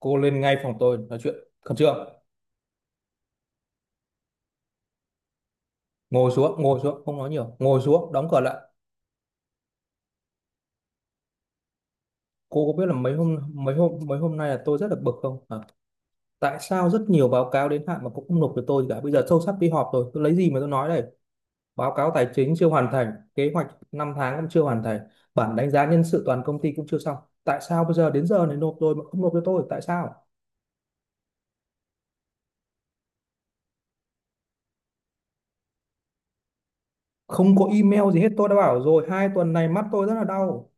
Cô lên ngay phòng tôi nói chuyện, khẩn trương. Ngồi xuống, ngồi xuống, không nói nhiều, ngồi xuống, đóng cửa lại. Cô có biết là mấy hôm nay là tôi rất là bực không? Hả? Tại sao rất nhiều báo cáo đến hạn mà cũng không nộp cho tôi gì cả? Bây giờ sâu sắc đi họp rồi tôi lấy gì mà tôi nói đây? Báo cáo tài chính chưa hoàn thành kế hoạch. Năm tháng cũng chưa hoàn thành. Bản đánh giá nhân sự toàn công ty cũng chưa xong. Tại sao bây giờ đến giờ này nộp rồi mà không nộp cho tôi, tại sao? Không có email gì hết, tôi đã bảo rồi, hai tuần này mắt tôi rất là đau.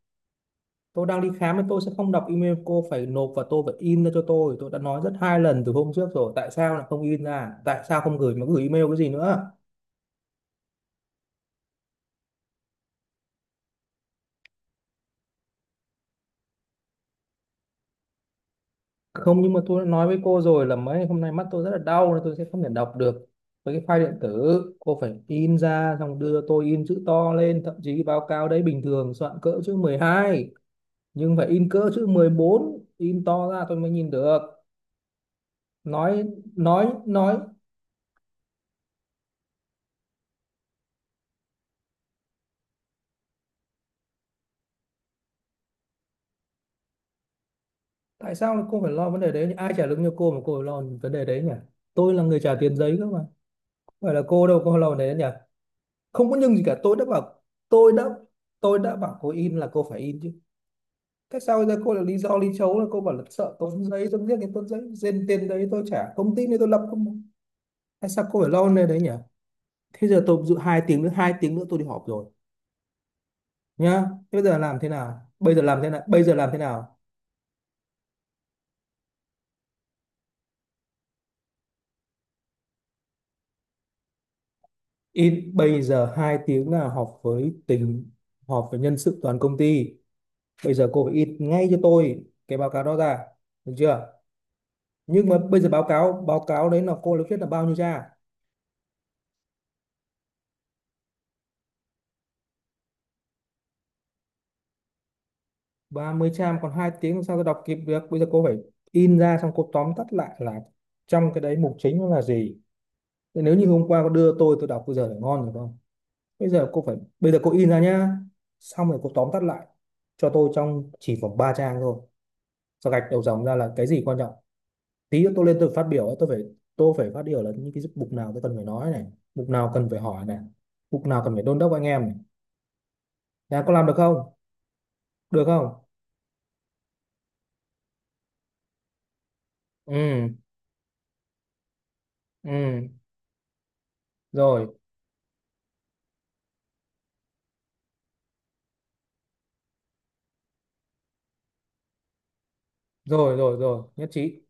Tôi đang đi khám mà tôi sẽ không đọc email, cô phải nộp và tôi phải in ra cho tôi. Tôi đã nói rất hai lần từ hôm trước rồi, tại sao lại không in ra, tại sao không gửi mà gửi email cái gì nữa? Không, nhưng mà tôi đã nói với cô rồi là mấy hôm nay mắt tôi rất là đau nên tôi sẽ không thể đọc được với cái file điện tử. Cô phải in ra xong đưa tôi, in chữ to lên, thậm chí báo cáo đấy bình thường soạn cỡ chữ 12, nhưng phải in cỡ chữ 14, in to ra tôi mới nhìn được. Nói, nói, nói. Tại sao lại cô phải lo vấn đề đấy nhỉ? Ai trả lương cho cô mà cô phải lo vấn đề đấy nhỉ? Tôi là người trả tiền giấy cơ mà, không phải là cô đâu, cô lo vấn đề đấy nhỉ. Không có nhưng gì cả, tôi đã bảo. Tôi đã tôi đã bảo cô in là cô phải in chứ. Tại sao bây giờ cô lại lý do lý chấu là cô bảo là sợ tốn giấy, tốn riêng cái tốn giấy, trên tiền đấy tôi trả, công ty này tôi lập không? Tại sao cô phải lo vấn đề đấy nhỉ? Thế giờ tôi dự hai tiếng nữa, hai tiếng nữa tôi đi họp rồi nhá. Thế bây giờ làm thế nào, bây giờ làm thế nào, bây giờ làm thế nào? In bây giờ, hai tiếng là họp với tỉnh, họp với nhân sự toàn công ty. Bây giờ cô phải in ngay cho tôi cái báo cáo đó ra. Được chưa? Nhưng mà bây giờ báo cáo đấy là cô lấy viết là bao nhiêu trang? 30 trang còn hai tiếng làm sao tôi đọc kịp được? Bây giờ cô phải in ra, xong cô tóm tắt lại là trong cái đấy mục chính nó là gì. Thế nếu như hôm qua cô đưa tôi đọc bây giờ là ngon rồi không? Bây giờ cô phải, bây giờ cô in ra nhá. Xong rồi cô tóm tắt lại cho tôi trong chỉ khoảng 3 trang thôi, sau gạch đầu dòng ra là cái gì quan trọng. Tí nữa tôi lên tôi phát biểu ấy, tôi phải phát biểu là những cái mục nào tôi cần phải nói này, mục nào cần phải hỏi này, mục nào cần phải đôn đốc anh em này. Nhà có làm được không? Được không? Ừ. Ừ. Rồi, rồi, rồi, rồi, nhất trí.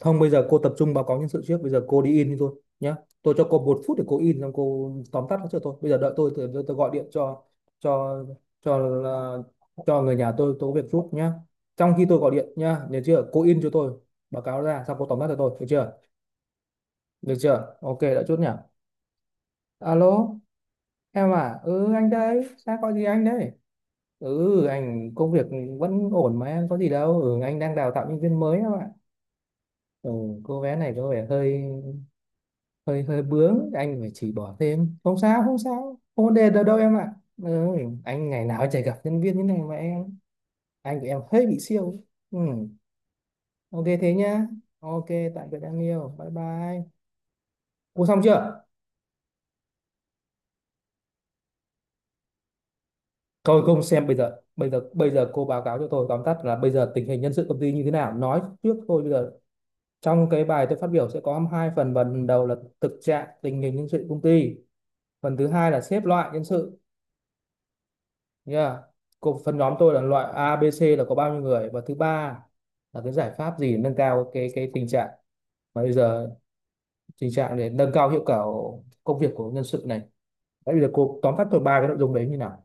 Không, bây giờ cô tập trung báo cáo nhân sự trước, bây giờ cô đi in đi thôi nhá. Tôi cho cô một phút để cô in xong cô tóm tắt nó cho tôi. Bây giờ đợi tôi, tôi gọi điện cho cho cho người nhà tôi có việc giúp nhá. Trong khi tôi gọi điện nhá, nhớ chưa, cô in cho tôi báo cáo ra xong cô tóm tắt cho tôi, được chưa? Được chưa? Ok, đã chốt nhỉ? Alo, em à? Ừ, anh đây, sao có gì anh đây? Ừ, anh công việc vẫn ổn mà em, có gì đâu. Ừ, anh đang đào tạo nhân viên mới em ạ. Ừ, cô bé này có vẻ hơi hơi hơi bướng, anh phải chỉ bỏ thêm. Không sao, không sao. Không vấn đề đâu đâu em ạ. Ừ, anh ngày nào chả gặp nhân viên như này mà em. Anh của em hơi bị siêu. Ừ, ok thế nhá. Ok, tạm biệt em yêu. Bye bye. Cô xong chưa? Tôi không xem bây giờ, bây giờ cô báo cáo cho tôi tóm tắt là bây giờ tình hình nhân sự công ty như thế nào, nói trước thôi bây giờ trong cái bài tôi phát biểu sẽ có hai phần, phần đầu là thực trạng tình hình nhân sự công ty, phần thứ hai là xếp loại nhân sự nha. Cô phần nhóm tôi là loại A, B, C là có bao nhiêu người, và thứ ba là cái giải pháp gì nâng cao cái tình trạng, mà bây giờ tình trạng để nâng cao hiệu quả công việc của nhân sự này. Đấy, bây giờ cô tóm tắt tôi ba cái nội dung đấy như nào?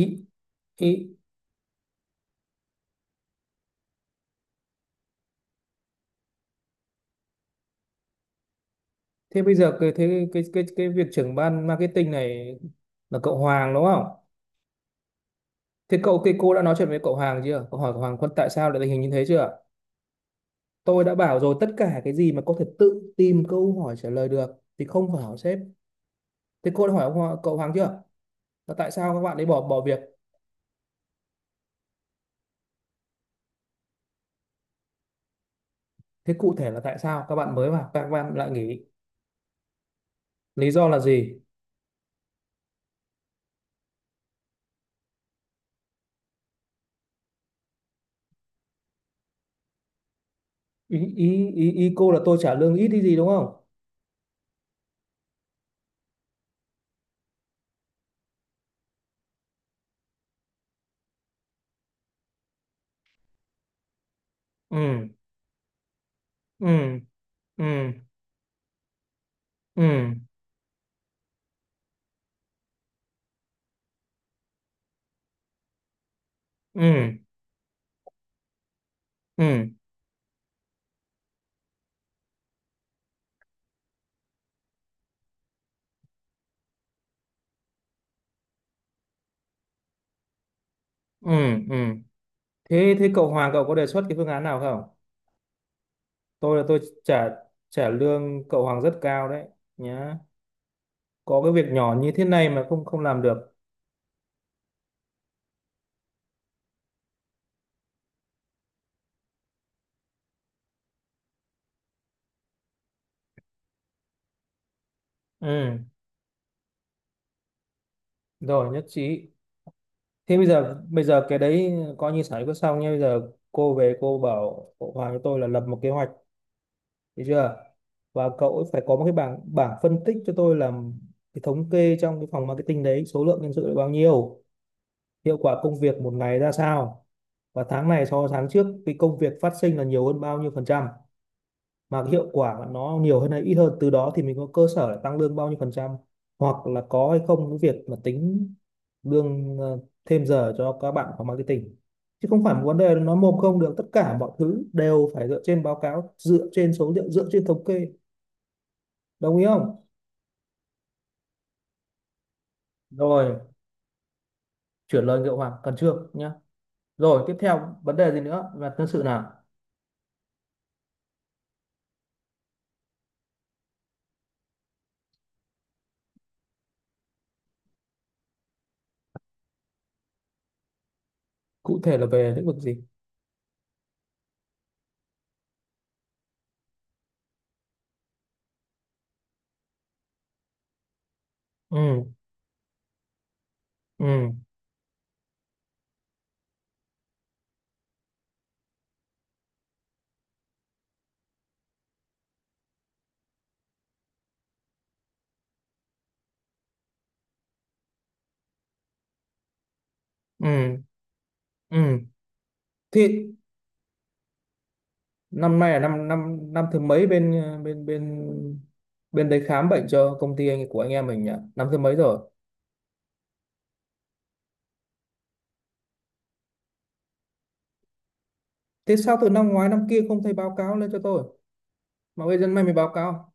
Ý ý Thế bây giờ cái thế cái việc trưởng ban marketing này là cậu Hoàng đúng không? Thế cậu cái cô đã nói chuyện với cậu Hoàng chưa? Cậu hỏi cậu Hoàng Quân tại sao lại tình hình như thế chưa? Tôi đã bảo rồi, tất cả cái gì mà có thể tự tìm câu hỏi trả lời được thì không phải hỏi sếp. Thế cô đã hỏi cậu Hoàng chưa? Là tại sao các bạn ấy bỏ bỏ việc? Thế cụ thể là tại sao các bạn mới vào các bạn lại nghỉ? Lý do là gì? Ý ý ý, cô là tôi trả lương ít đi gì đúng không? Ừ, ừ, ừ, ừ, ừ, ừ, ừ, ừ, ừ, ừ, ừ. Thế thế cậu Hoàng cậu có đề xuất cái phương án nào không? Tôi là tôi trả trả lương cậu Hoàng rất cao đấy nhá. Có cái việc nhỏ như thế này mà không không làm được. Ừ, rồi nhất trí. Thế bây giờ, cái đấy coi như xảy có xong nhá. Bây giờ cô về cô bảo cậu Hoàng cho tôi là lập một kế hoạch, được chưa? Và cậu ấy phải có một cái bảng bảng phân tích cho tôi làm cái thống kê trong cái phòng marketing đấy, số lượng nhân sự là bao nhiêu, hiệu quả công việc một ngày ra sao, và tháng này so với tháng trước cái công việc phát sinh là nhiều hơn bao nhiêu phần trăm, mà cái hiệu quả nó nhiều hơn hay ít hơn, từ đó thì mình có cơ sở để tăng lương bao nhiêu phần trăm, hoặc là có hay không cái việc mà tính lương thêm giờ cho các bạn phòng marketing. Chứ không phải một vấn đề nó mồm không được, tất cả mọi thứ đều phải dựa trên báo cáo, dựa trên số liệu, dựa trên thống kê. Đồng ý không? Rồi, chuyển lời Ngựa Hoàng cần trước nhá. Rồi tiếp theo vấn đề gì nữa là nhân sự nào? Cụ thể là về lĩnh vực gì? Ừ, ừ, ừ, ừ thì năm nay là năm năm năm thứ mấy bên ờ, bên bên bên đấy khám bệnh cho công ty anh của anh em mình nhỉ, năm thứ mấy rồi? Thế sao từ năm ngoái năm kia không thấy báo cáo lên cho tôi mà bây giờ nay mới báo cáo?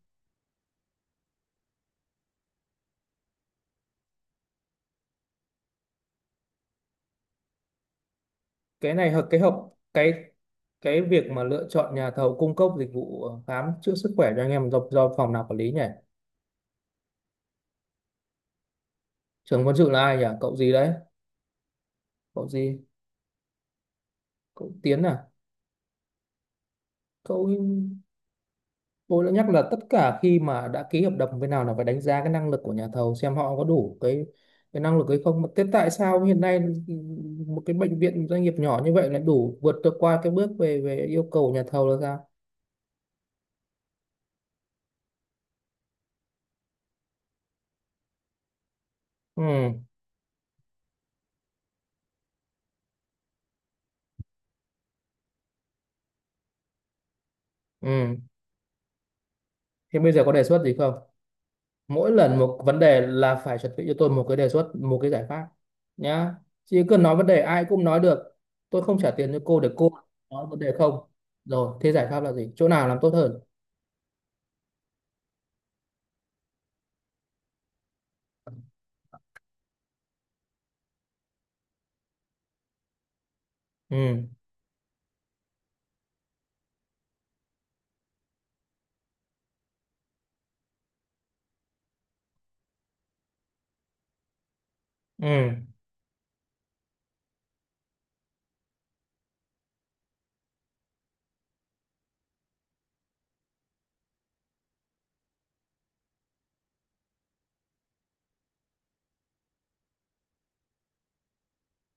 Cái này hợp cái hợp cái cái việc mà lựa chọn nhà thầu cung cấp dịch vụ khám chữa sức khỏe cho anh em do phòng nào quản lý nhỉ? Trưởng quân sự là ai nhỉ, cậu gì đấy? Cậu gì? Cậu Tiến à? cậu Tôi đã nhắc là tất cả khi mà đã ký hợp đồng bên nào là phải đánh giá cái năng lực của nhà thầu, xem họ có đủ cái năng lực hay không. Mà thế tại sao hiện nay một cái bệnh viện doanh nghiệp nhỏ như vậy lại đủ vượt được qua cái bước về về yêu cầu của nhà thầu là sao? Ừ, ừ. Thế bây giờ có đề xuất gì không? Mỗi lần một vấn đề là phải chuẩn bị cho tôi một cái đề xuất, một cái giải pháp nhá. Chứ cứ nói vấn đề ai cũng nói được. Tôi không trả tiền cho cô để cô nói vấn đề không. Rồi, thế giải pháp là gì? Chỗ nào làm tốt hơn? Ừ, ừ,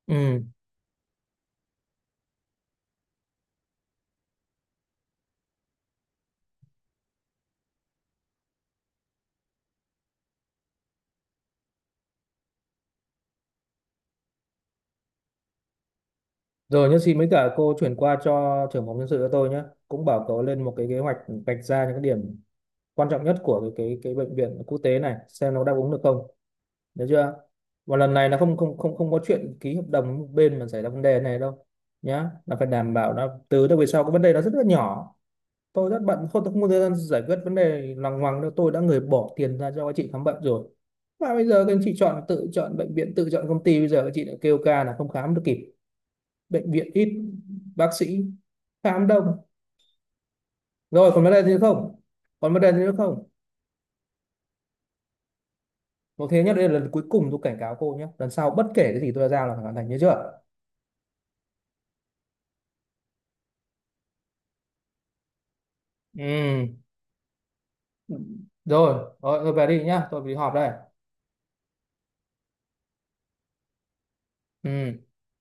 ừ. Rồi nhất xin mấy cả, cô chuyển qua cho trưởng phòng nhân sự cho tôi nhé. Cũng bảo cậu lên một cái kế hoạch, vạch ra những cái điểm quan trọng nhất của cái bệnh viện quốc tế này xem nó đáp ứng được không. Được chưa? Và lần này là không không không không có chuyện ký hợp đồng với một bên mà xảy ra vấn đề này đâu nhá. Là phải đảm bảo là từ đâu về sau cái vấn đề nó rất là nhỏ. Tôi rất bận, không, tôi không có thời gian giải quyết vấn đề lằng ngoằng đâu. Tôi đã người bỏ tiền ra cho các chị khám bệnh rồi. Và bây giờ các anh chị chọn, tự chọn bệnh viện, tự chọn công ty, bây giờ các chị lại kêu ca là không khám được kịp, bệnh viện ít, bác sĩ khám đông. Rồi còn vấn đề gì nữa không? Còn vấn đề gì nữa không? Một thế nhá, đây là lần cuối cùng tôi cảnh cáo cô nhé, lần sau bất kể cái gì tôi đã giao là phải hoàn thành, nhớ chưa? Ừ, rồi rồi tôi về đi nhá, tôi đi họp đây. Ừ.